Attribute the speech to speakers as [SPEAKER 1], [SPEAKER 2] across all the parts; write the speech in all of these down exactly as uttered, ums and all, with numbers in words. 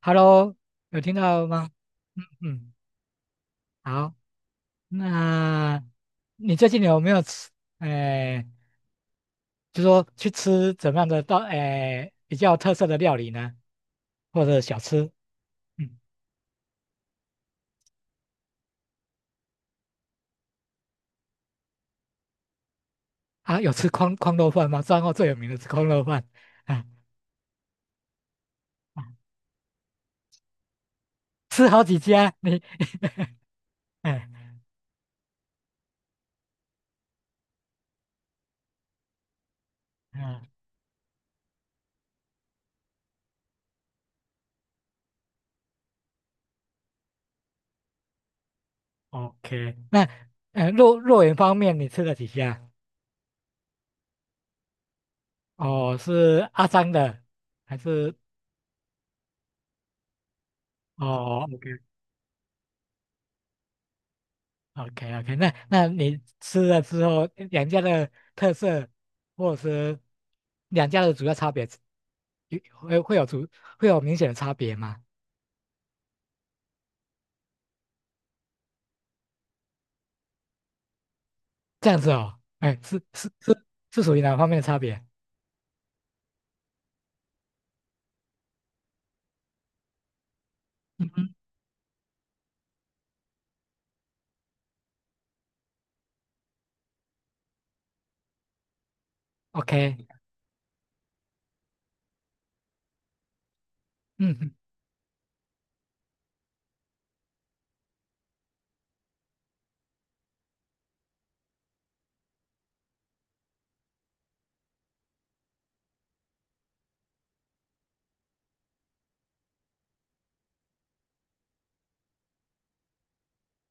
[SPEAKER 1] Hello，有听到吗？嗯，好，那你最近有没有吃？哎、就说去吃怎么样的到哎、比较有特色的料理呢？或者小吃？嗯，啊，有吃空空肉饭吗？彰后最有名的吃空肉饭，啊，啊吃好几家，你，哎、嗯啊，OK，那呃肉肉圆方面你吃了几家？哦，是阿张的还是？哦 o k OK OK，那那你吃了之后，两家的特色或者是两家的主要差别，有会会有主会有明显的差别吗？这样子哦，哎，是是是是属于哪方面的差别？嗯哼，OK，嗯哼，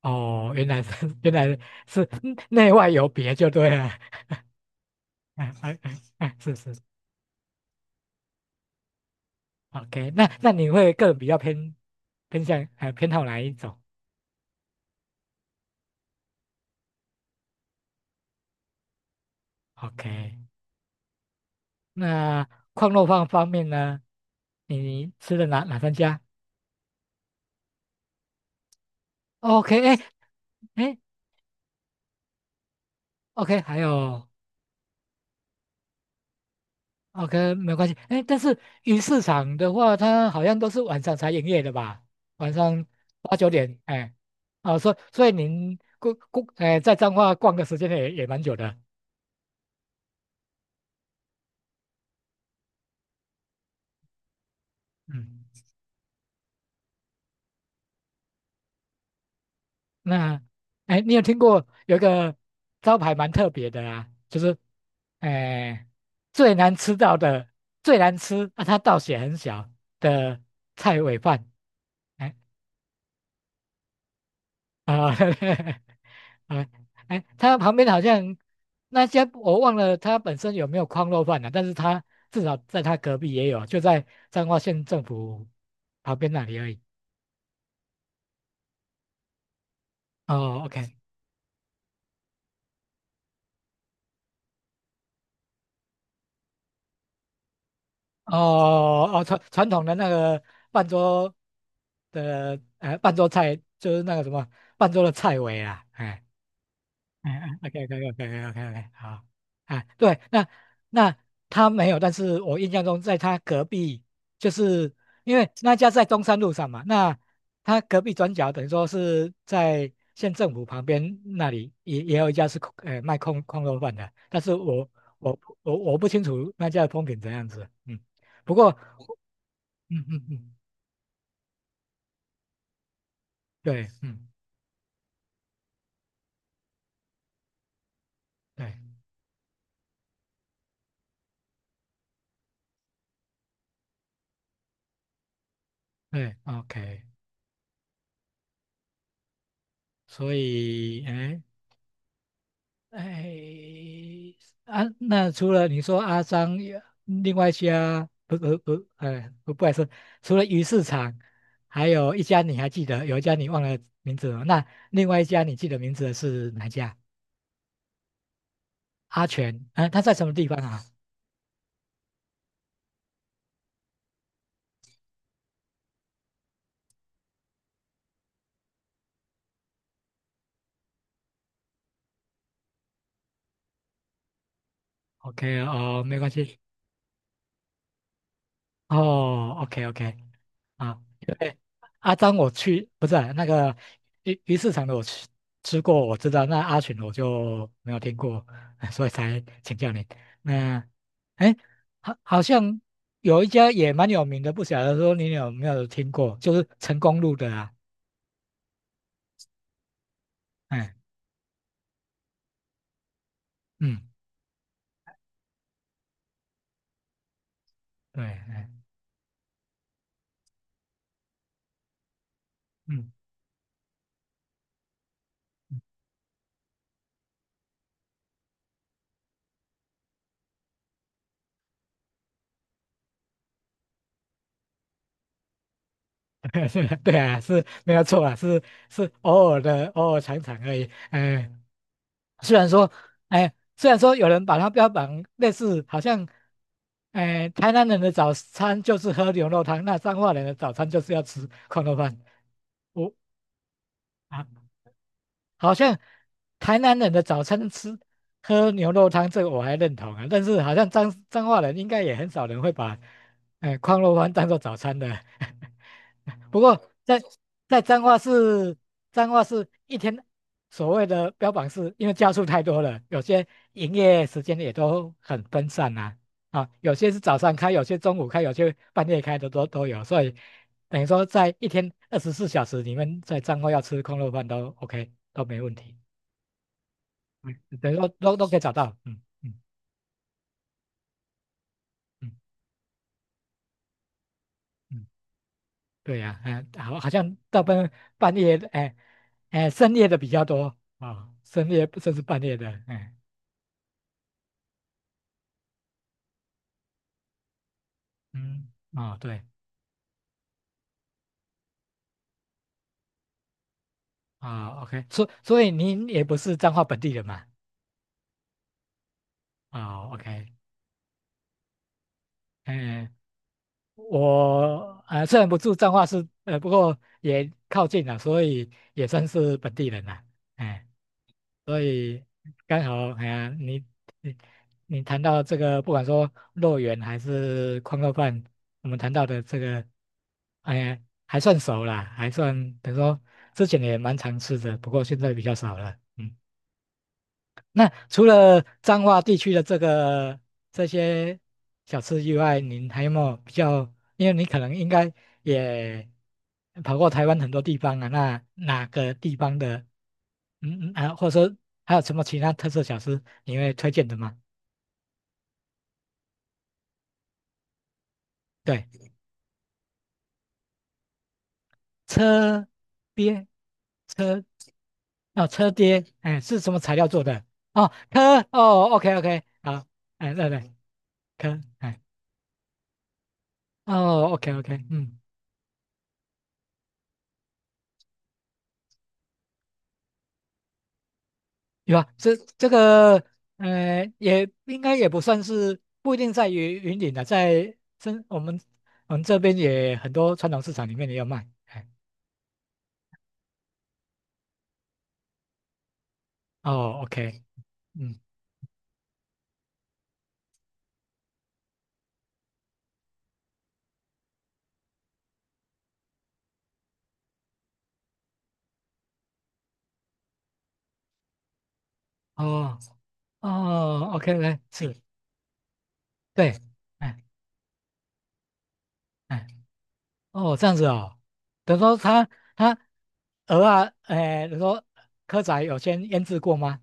[SPEAKER 1] 哦，原来是 原来是内外有别就对了，哎哎哎哎，是是，OK，那那你会个人比较偏偏向呃偏好哪一种？OK，那矿肉饭方面呢？你吃的哪哪三家？OK，哎哎，OK，还有 OK 没关系，哎，但是鱼市场的话，它好像都是晚上才营业的吧？晚上八九点，哎，哦，所以所以您逛逛，哎，在彰化逛的时间也也蛮久的，嗯，那哎，你有听过有一个招牌蛮特别的啊，就是哎最难吃到的最难吃啊，它倒写很小的菜尾饭。哎啊，啊，哎，他旁边好像那些我忘了，他本身有没有矿肉饭了、但是他至少在他隔壁也有，就在彰化县政府旁边那里而已。哦，OK，哦哦，传传统的那个半桌的呃半桌菜，就是那个什么半桌的菜尾啊，哎。哎，OK，OK，OK，OK，OK，好啊，对，那那他没有，但是我印象中在他隔壁，就是因为那家在中山路上嘛，那他隔壁转角等于说是在县政府旁边那里也也有一家是空呃卖空空肉饭的，但是我我我我不清楚那家的风评怎样子，嗯，不过嗯嗯嗯，对，嗯对对，OK，所以哎。哎，啊，那除了你说阿张，另外一家不不不，哎，不不好意思，除了鱼市场，还有一家你还记得，有一家你忘了名字了。那另外一家你记得名字的是哪一家？阿全，啊，他在什么地方啊？OK 哦，没关系。哦，OK OK，啊，Yeah. 对，阿张我去，不是啊那个鱼鱼市场的我吃吃过，我知道，那阿群我就没有听过，所以才请教你。那，哎，好，好像有一家也蛮有名的，不晓得说你有没有听过，就是成功路的啊，哎，嗯，对，哎，嗯。对啊，是没有错啊，是是偶尔的，偶尔尝尝而已。哎。虽然说，哎，虽然说有人把它标榜类似，好像，哎，台南人的早餐就是喝牛肉汤，那彰化人的早餐就是要吃矿肉饭。我啊，好像台南人的早餐吃喝牛肉汤，这个我还认同啊，但是好像彰彰化人应该也很少人会把，哎，矿肉饭当做早餐的。不过在在彰化市，彰化市一天所谓的标榜是，因为家数太多了，有些营业时间也都很分散呐、啊。啊，有些是早上开，有些中午开，有些半夜开的都都有，所以等于说在一天二十四小时你们在彰化要吃空肉饭都 OK，都没问题，嗯，等于说都都可以找到。嗯嗯嗯嗯。对呀、哎，好，好像大半半夜，哎，哎，深夜的比较多啊、深夜甚至半夜的，哎，嗯，啊、对，啊，OK、o k 所所以您也不是彰化本地人嘛，啊，OK、o k 哎，我呃虽然不住彰化市，呃，不过也靠近了，所以也算是本地人了，哎。所以刚好，哎呀，你你你谈到这个，不管说肉圆还是矿肉饭，我们谈到的这个，哎呀，还算熟啦，还算等于说之前也蛮常吃的，不过现在比较少了。嗯，那除了彰化地区的这个这些小吃以外，您还有没有比较？因为你可能应该也跑过台湾很多地方啊，那哪个地方的，嗯嗯啊，或者说还有什么其他特色小吃你会推荐的吗？对，车边车哦，车鳖，哎，是什么材料做的？哦，科哦，OK OK，好，哎，对对，科，哎，哦，OK OK，嗯。有啊，这这个呃，也应该也不算是不一定在于云顶的，在真我们我们这边也很多传统市场里面也有卖。哎，哦，OK，嗯，哦哦，OK，来是，对，哎哎，哦，这样子哦，等于说他他鹅啊，哎，等于说蚵仔有先腌制过吗？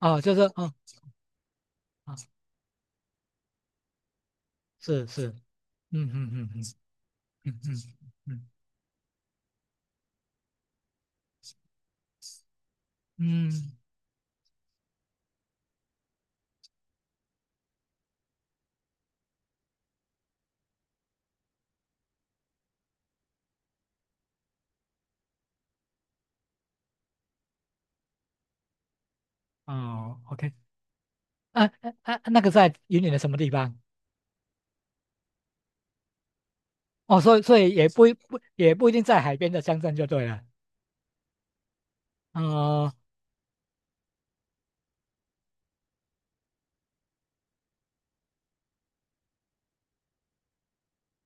[SPEAKER 1] 哦，就是，哦哦，是是，嗯嗯嗯嗯嗯嗯嗯，嗯哦，OK。啊啊，啊！那个在云林的什么地方？哦，所以所以也不一不也不一定在海边的乡镇就对了。哦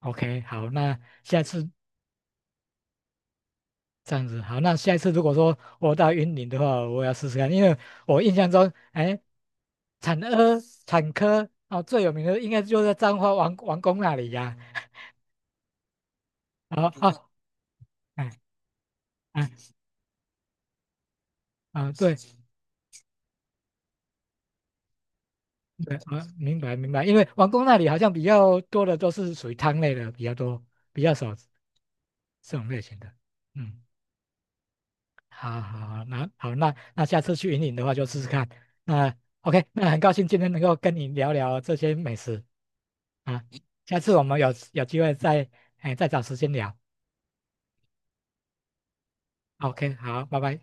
[SPEAKER 1] ，OK，好，那下次这样子，好，那下一次如果说我到云林的话，我要试试看，因为我印象中，哎，产科产科啊哦，最有名的应该就在彰化王王宫那里呀、啊。哦哦，哎哎啊，对对，啊，明白明白，因为王宫那里好像比较多的都是属于汤类的比较多，比较少这种类型的。嗯。好好好，那好，那那下次去云岭的话就试试看。那 OK，那很高兴今天能够跟你聊聊这些美食啊，下次我们有有机会再哎再找时间聊。OK，好，拜拜。